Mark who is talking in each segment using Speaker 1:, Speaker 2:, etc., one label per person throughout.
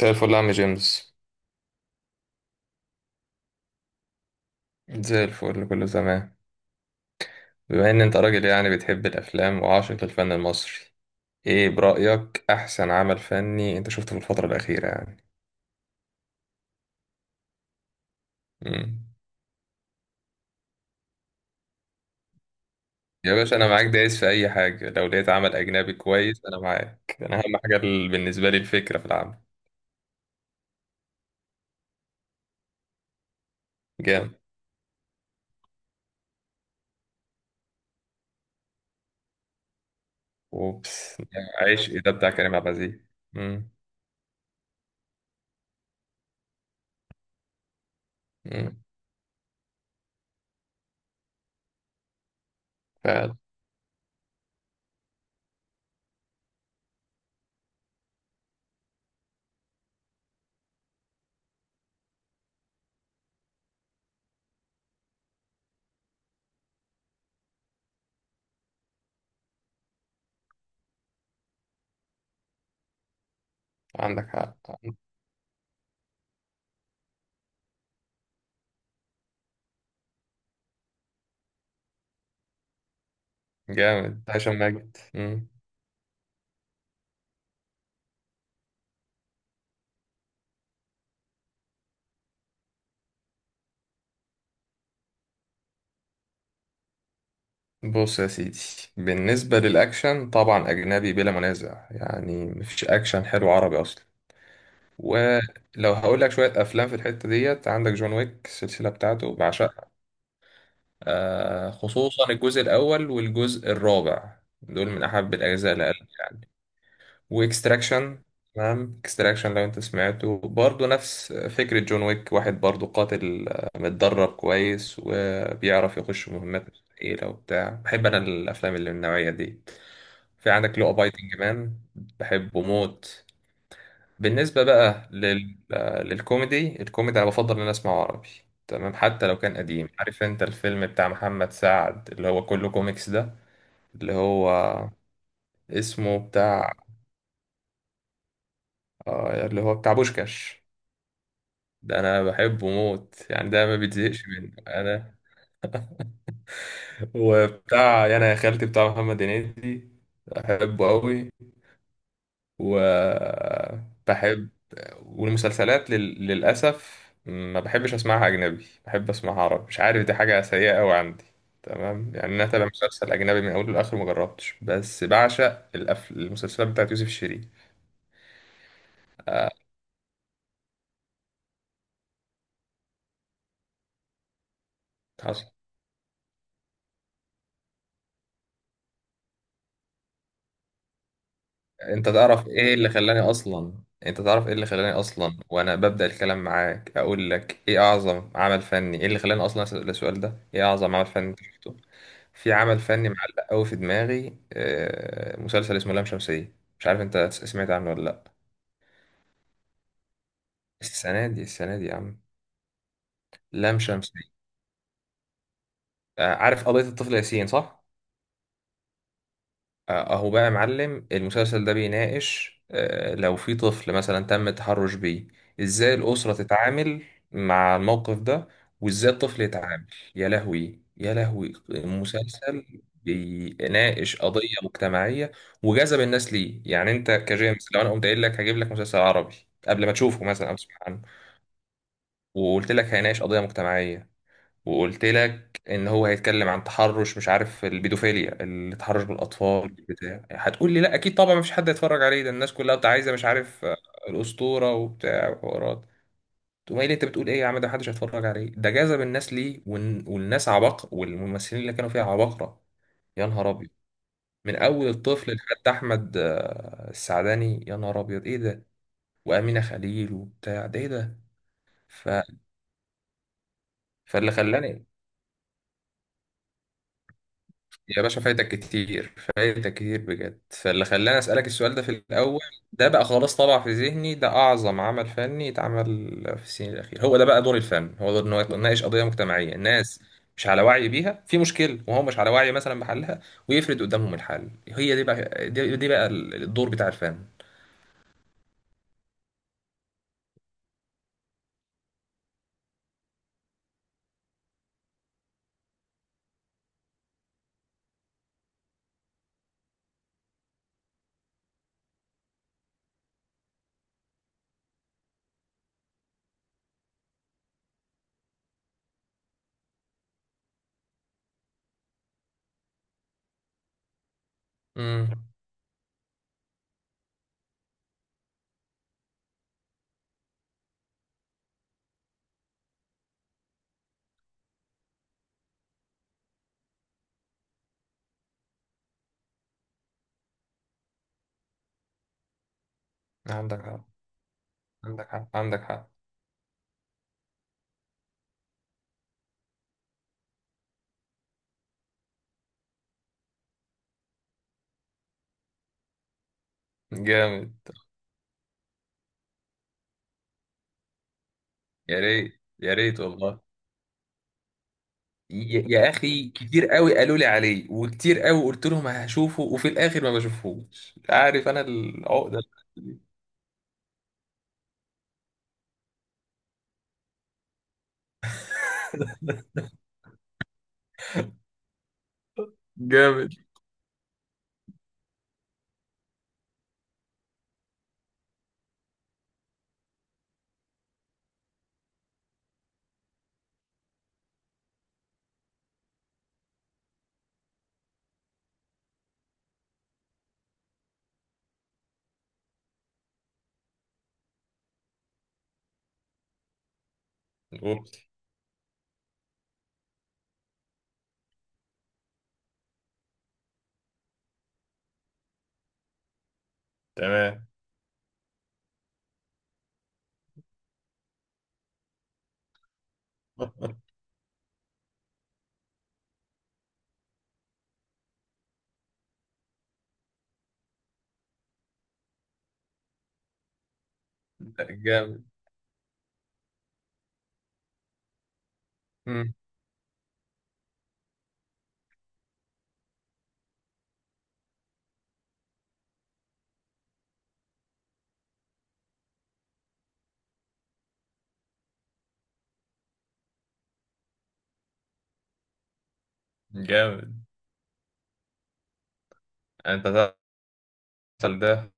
Speaker 1: زي الفل يا عم جيمس. زي الفل كله تمام. بما ان انت راجل يعني بتحب الافلام وعاشق للفن المصري. ايه برأيك احسن عمل فني انت شفته في الفترة الأخيرة يعني؟ مم. يا باشا انا معاك دايس في اي حاجة، لو لقيت عمل اجنبي كويس انا معاك، انا اهم حاجة بالنسبة لي الفكرة في العمل. جامد. اوبس. عيش ده بتاع كريم عبد العزيز. مم. مم. فعلا. عندك حق. جامد هشام ماجد. بص يا سيدي، بالنسبة للأكشن طبعا أجنبي بلا منازع، يعني مفيش أكشن حلو عربي أصلا. ولو هقول لك شوية أفلام في الحتة ديت، عندك جون ويك السلسلة بتاعته بعشقها. آه خصوصا الجزء الأول والجزء الرابع دول من أحب الأجزاء لقلبي يعني. وإكستراكشن. تمام، إكستراكشن لو أنت سمعته برضه نفس فكرة جون ويك واحد، برضه قاتل متدرب كويس وبيعرف يخش مهمات مستحيلة وبتاع. بحب أنا الأفلام اللي من النوعية دي. في عندك لو بايتنج مان، بحبه موت. بالنسبة بقى لل... آه، للكوميدي، الكوميدي أنا بفضل إن أنا أسمعه عربي. تمام. حتى لو كان قديم، عارف أنت الفيلم بتاع محمد سعد اللي هو كله كوميكس ده؟ اللي هو اسمه بتاع اللي هو بتاع بوشكاش. ده أنا بحبه موت يعني، ده ما بتزهقش منه أنا. وبتاع يعني يا خالتي بتاع محمد هنيدي، بحبه أوي. وبحب. والمسلسلات للأسف ما بحبش أسمعها أجنبي، بحب أسمعها عربي، مش عارف دي حاجة سيئة أوي عندي. تمام. يعني أنا أتابع مسلسل أجنبي من أوله لآخره مجربتش، بس بعشق المسلسلات بتاعت يوسف الشريف. انت تعرف ايه اللي خلاني اصلا انت تعرف ايه اللي خلاني اصلا وانا ببدأ الكلام معاك اقول لك ايه اعظم عمل فني، ايه اللي خلاني اصلا اسأل السؤال ده، ايه اعظم عمل فني انت شفته؟ في عمل فني معلق قوي في دماغي، مسلسل اسمه لام شمسية. مش عارف انت سمعت عنه ولا لا. السنة دي السنة دي يا عم. لام شمسية. آه، عارف قضية الطفل ياسين صح؟ اهو بقى يا معلم، المسلسل ده بيناقش لو في طفل مثلا تم التحرش بيه، ازاي الأسرة تتعامل مع الموقف ده، وازاي الطفل يتعامل. يا لهوي يا لهوي، مسلسل بيناقش قضية مجتمعية وجذب الناس ليه. يعني انت كجيمس، لو انا قمت قايل لك هجيب لك مسلسل عربي قبل ما تشوفه مثلا او تسمع عنه، وقلت لك هيناقش قضية مجتمعية، وقلت لك ان هو هيتكلم عن تحرش، مش عارف، البيدوفيليا التحرش بالاطفال بتاع، هتقول لي لا اكيد طبعا مفيش حد هيتفرج عليه، ده الناس كلها بتاع عايزه مش عارف الاسطوره وبتاع وحوارات. تقوم قايل لي انت بتقول ايه يا عم، ده محدش هيتفرج عليه، ده جذب الناس ليه، والناس عباقرة والممثلين اللي كانوا فيها عباقرة. يا نهار ابيض. من اول الطفل لحد احمد السعداني. يا نهار ابيض ايه ده. وامينه خليل وبتاع، ده ايه ده. ف... فاللي خلاني. يا باشا فايتك كتير فايتك كتير بجد. فاللي خلاني أسألك السؤال ده في الأول. ده بقى خلاص طبع في ذهني، ده أعظم عمل فني اتعمل في السنين الأخيرة. هو ده بقى دور الفن، هو دور إنه يناقش قضية مجتمعية، الناس مش على وعي بيها، في مشكلة وهو مش على وعي مثلا بحلها، ويفرد قدامهم الحل. هي دي بقى دي بقى الدور بتاع الفن. امم. عندك حق عندك حق عندك حق. جامد. يا ريت يا ريت والله. يا اخي، كتير قوي قالوا لي عليه وكتير قوي قلت لهم هشوفه وفي الاخر ما بشوفهوش، عارف انا العقده دي. جامد. أوبس. تمام. جامد. مم. جامد. انت تعرف ده،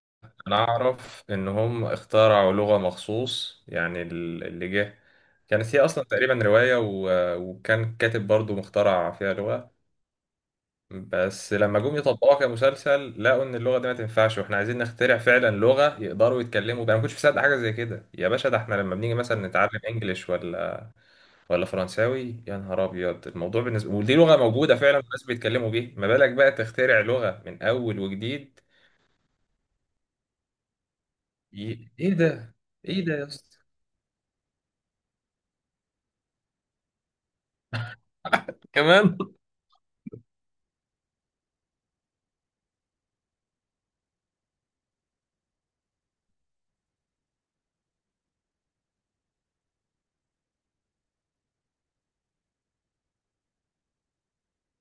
Speaker 1: انا اعرف ان هم اخترعوا لغة مخصوص، يعني اللي جه كانت هي اصلا تقريبا رواية وكان كاتب برضو مخترع فيها لغة، بس لما جم يطبقوها كمسلسل لقوا ان اللغه دي ما تنفعش، واحنا عايزين نخترع فعلا لغه يقدروا يتكلموا بيها. انا ما كنتش مصدق حاجه زي كده يا باشا، ده احنا لما بنيجي مثلا نتعلم انجليش ولا فرنساوي يا نهار ابيض الموضوع بالنسبه، ودي لغه موجوده فعلا الناس بيتكلموا بيها، ما بالك بقى تخترع لغه من اول وجديد. ايه ده. ايه ده يا اسطى. كمان.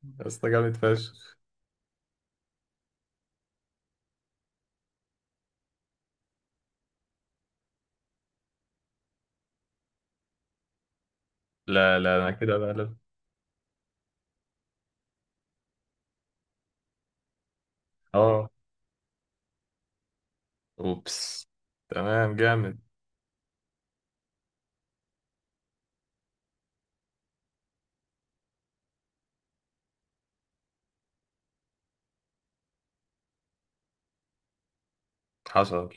Speaker 1: يا اسطى جامد فشخ. لا لا انا كده بقلب. اه. اوبس. تمام. جامد. حصل.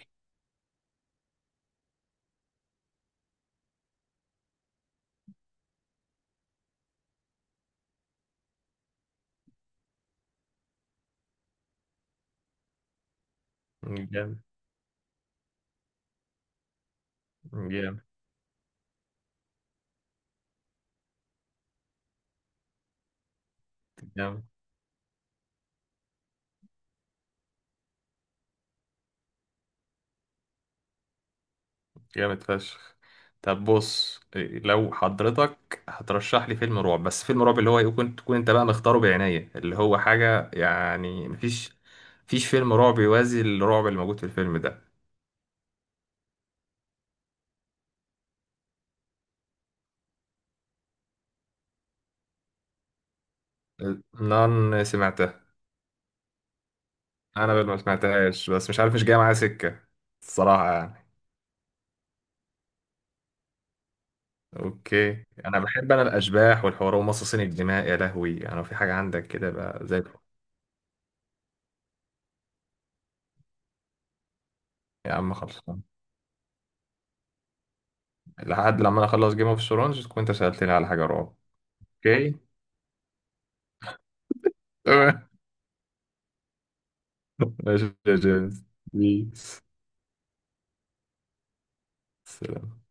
Speaker 1: جامد. جامد. جامد. جامد فشخ. طب بص إيه، لو حضرتك هترشح لي فيلم رعب، بس فيلم رعب اللي هو يكون تكون انت بقى مختاره بعناية، اللي هو حاجة يعني مفيش فيلم رعب يوازي الرعب اللي موجود في الفيلم ده. نان سمعتها. انا بل ما سمعتهاش بس مش عارف مش جاية معايا سكة الصراحة يعني. اوكي. انا بحب انا الاشباح والحوار ومصاصين الدماء يا لهوي، يعني لو في حاجة عندك كده بقى زي الفل. يا عم خلصان. لحد لما انا اخلص جيم اوف ثرونز تكون انت سألتني على حاجة رعب. اوكي. تمام. ماشي يا جيمس. بيس. سلام.